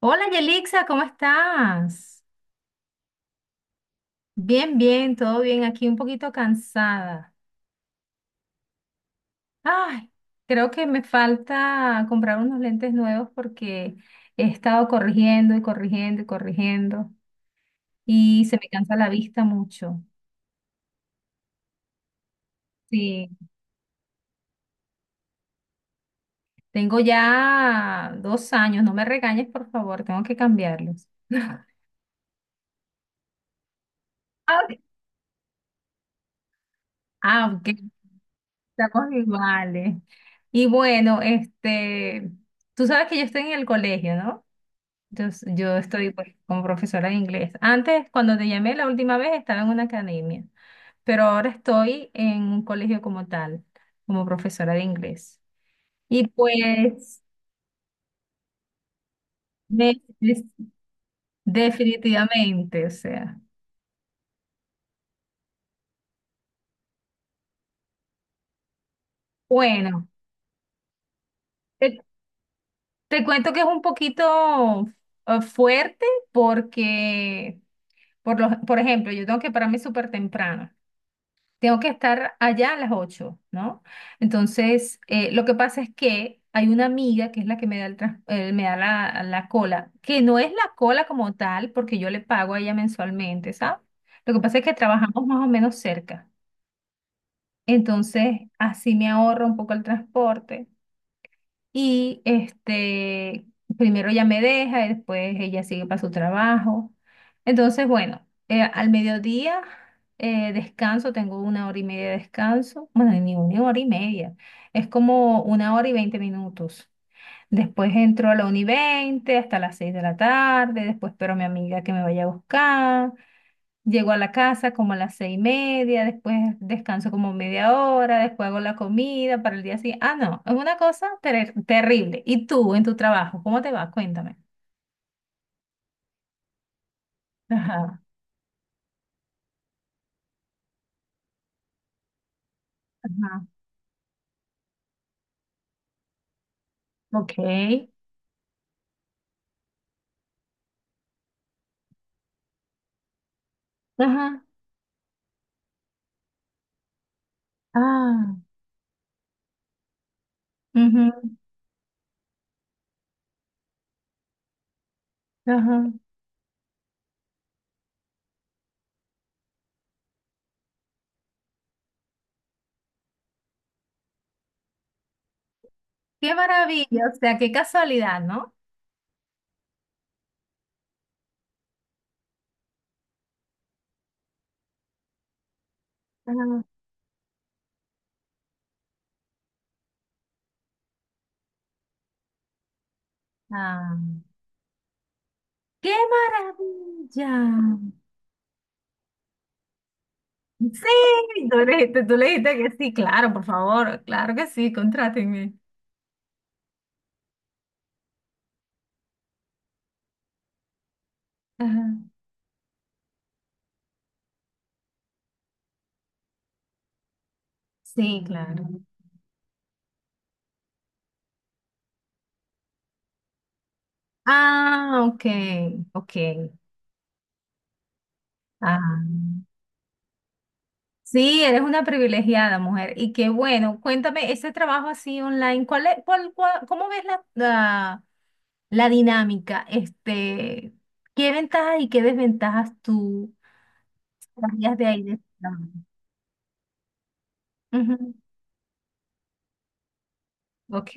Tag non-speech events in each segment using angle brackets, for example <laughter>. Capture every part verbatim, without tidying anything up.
Hola Yelixa, ¿cómo estás? Bien, bien, todo bien. Aquí un poquito cansada. Ay, creo que me falta comprar unos lentes nuevos porque he estado corrigiendo y corrigiendo y corrigiendo y se me cansa la vista mucho. Sí, tengo ya dos años. No me regañes, por favor, tengo que cambiarlos. <laughs> Ah, ok. Ah, ok, estamos iguales. Y bueno, este, tú sabes que yo estoy en el colegio, ¿no? Yo, s- yo estoy pues, como profesora de inglés. Antes, cuando te llamé la última vez, estaba en una academia, pero ahora estoy en un colegio como tal, como profesora de inglés. Y pues, de- de- definitivamente, o sea, bueno, te, te cuento que es un poquito eh, fuerte porque, por, los, por ejemplo, yo tengo que pararme súper temprano. Tengo que estar allá a las ocho, ¿no? Entonces, eh, lo que pasa es que hay una amiga que es la que me da, el trans- eh, me da la, la cola, que no es la cola como tal, porque yo le pago a ella mensualmente, ¿sabes? Lo que pasa es que trabajamos más o menos cerca. Entonces, así me ahorro un poco el transporte. Y este, primero ella me deja y después ella sigue para su trabajo. Entonces, bueno, eh, al mediodía eh, descanso, tengo una hora y media de descanso. Bueno, ni una hora y media, es como una hora y veinte minutos. Después entro a la una y veinte y veinte hasta las seis de la tarde, después espero a mi amiga que me vaya a buscar. Llego a la casa como a las seis y media, después descanso como media hora, después hago la comida para el día siguiente. Ah, no, es una cosa ter- terrible. ¿Y tú en tu trabajo? ¿Cómo te va? Cuéntame. Ajá, ajá, ok. Ajá, ah, ujú, ajá. Qué maravilla, o sea, qué casualidad, ¿no? Ajá. Ah, qué maravilla. Sí, tú le dijiste, tú le dijiste que sí, claro, por favor, claro que sí, contrátenme. Ajá. Sí, claro. Ah, ok, ok. Ah. Sí, eres una privilegiada mujer. Y qué bueno, cuéntame, ese trabajo así online, ¿cuál es, cuál, cuál- cómo ves la, la, la dinámica? Este, ¿qué ventajas y qué desventajas tú traías de ahí de ese trabajo? Ujú, ok.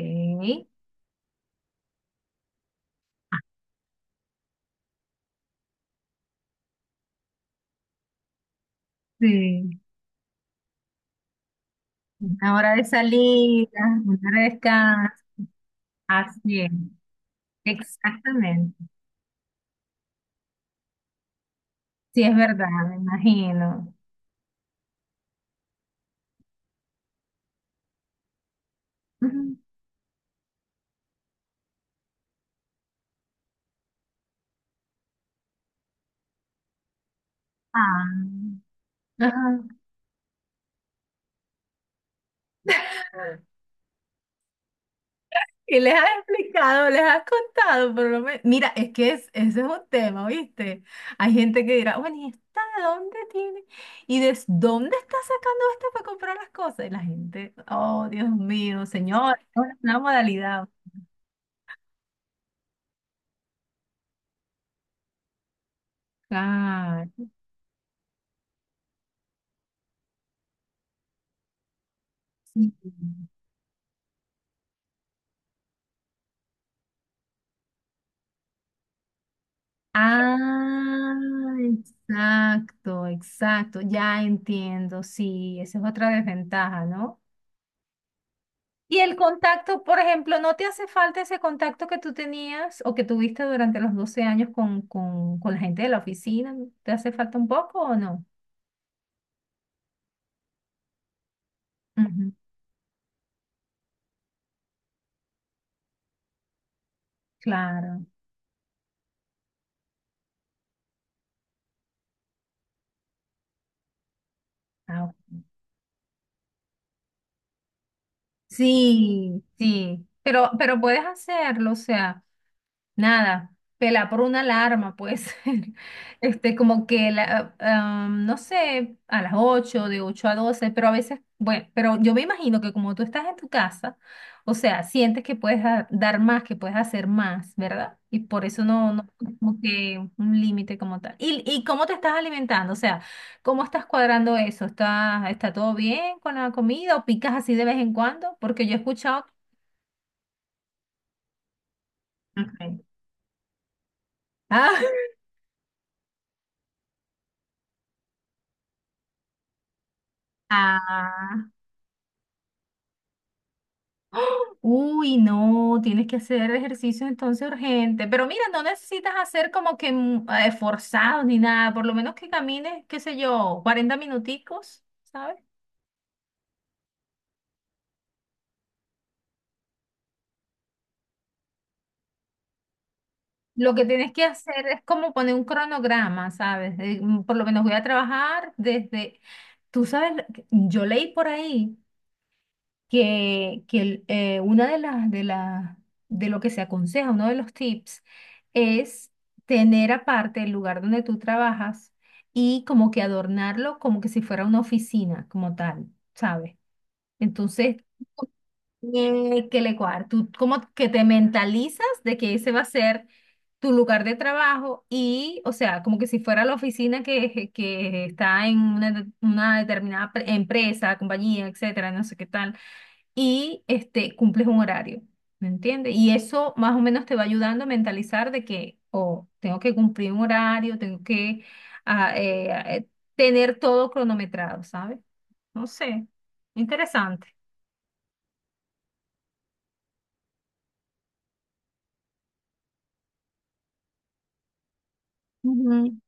Sí. Una hora de salida, una hora de descanso. Así es, exactamente. Sí, es verdad, me imagino. Ujú. Ah. Ajá. Y les has explicado, les has contado, por lo menos. Mira, es que es, ese es un tema, ¿viste? Hay gente que dirá, bueno, ¿y esta de dónde tiene? ¿Y de dónde está sacando esto para comprar las cosas? Y la gente, oh, Dios mío, señor, es una modalidad. Claro. Sí. Ah, exacto, exacto, ya entiendo, sí, esa es otra desventaja, ¿no? Y el contacto, por ejemplo, ¿no te hace falta ese contacto que tú tenías o que tuviste durante los doce años con, con, con la gente de la oficina? ¿Te hace falta un poco o no? Ujú, claro. Ah, ok. Sí, sí. Pero, pero puedes hacerlo, o sea. Nada, pela por una alarma, pues, <laughs> este, como que, la, ah, no sé, a las ocho de ocho a doce, pero a veces, bueno, pero yo me imagino que como tú estás en tu casa, o sea, sientes que puedes da- dar más, que puedes hacer más, ¿verdad? Y por eso no, no, como que un límite como tal. ¿Y, y cómo te estás alimentando? O sea, ¿cómo estás cuadrando eso? ¿Está, está todo bien con la comida o picas así de vez en cuando? Porque yo he escuchado... Ok. Ah, ah, <laughs> ¡Ah! Uy, no, tienes que hacer ejercicio entonces urgente. Pero mira, no necesitas hacer como que mm, eh, forzados ni nada. Por lo menos que camines, qué sé yo, cuarenta minuticos, ¿sabes? Lo que tienes que hacer es como poner un cronograma, ¿sabes? Eh, mm, por lo menos voy a trabajar desde, tú sabes, lo que- yo leí por ahí que, que el- eh, una de las de las de lo que se aconseja, uno de los tips es tener aparte el lugar donde tú trabajas y como que adornarlo como que si fuera una oficina como tal, ¿sabes? Entonces, eh, que le cuadra, tú como que te mentalizas de que ese va a ser tu lugar de trabajo y, o sea, como que si fuera la oficina que, que está en una, de- una determinada pre- empresa, compañía, etcétera, no sé qué tal, y este, cumples un horario, ¿me entiendes? Y eso más o menos te va ayudando a mentalizar de que, oh, tengo que cumplir un horario, tengo que ah, eh, ah, eh, tener todo cronometrado, ¿sabes? No sé, interesante. Ujú,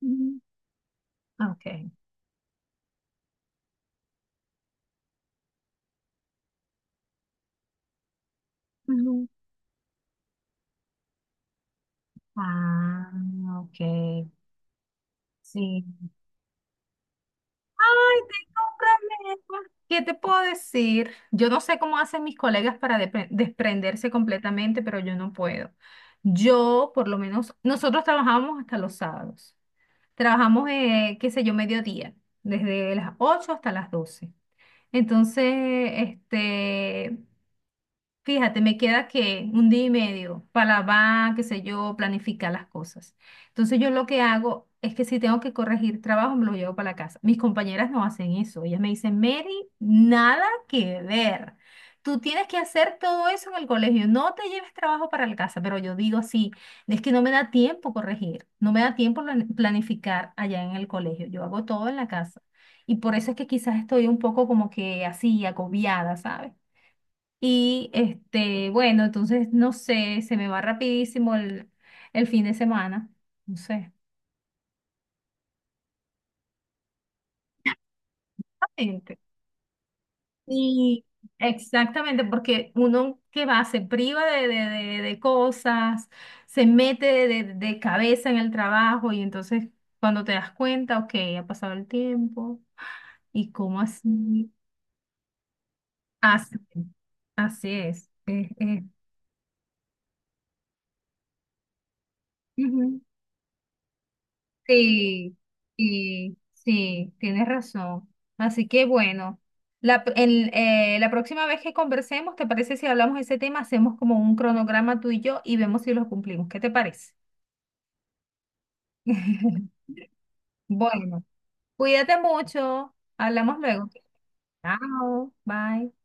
ujú, ok. Ujú. Ah, ok. Sí. Ay, tengo un problema. ¿Qué te puedo decir? Yo no sé cómo hacen mis colegas para depre- desprenderse completamente, pero yo no puedo. Yo, por lo menos, nosotros trabajamos hasta los sábados. Trabajamos, eh, qué sé yo, mediodía, desde las ocho hasta las doce. Entonces, este, fíjate, me queda que un día y medio para va, qué sé yo, planificar las cosas. Entonces yo lo que hago es que si tengo que corregir trabajo, me lo llevo para la casa. Mis compañeras no hacen eso. Ellas me dicen, Mary, nada que ver. Tú tienes que hacer todo eso en el colegio. No te lleves trabajo para la casa. Pero yo digo así, es que no me da tiempo corregir, no me da tiempo plan- planificar allá en el colegio. Yo hago todo en la casa. Y por eso es que quizás estoy un poco como que así, agobiada, ¿sabes? Y este, bueno, entonces no sé, se me va rapidísimo el, el fin de semana. No sé. Exactamente. Y exactamente, porque uno que va, se priva de, de, de- de cosas, se mete de, de- de cabeza en el trabajo y entonces cuando te das cuenta, ok, ha pasado el tiempo y cómo así, así, así es. Eh, eh, ujú. Sí, y sí, tienes razón. Así que bueno, la, pr- el, eh, la próxima vez que conversemos, ¿te parece si hablamos de ese tema? Hacemos como un cronograma tú y yo y vemos si lo cumplimos. ¿Qué te parece? <laughs> Bueno, cuídate mucho. Hablamos luego. Chao, bye.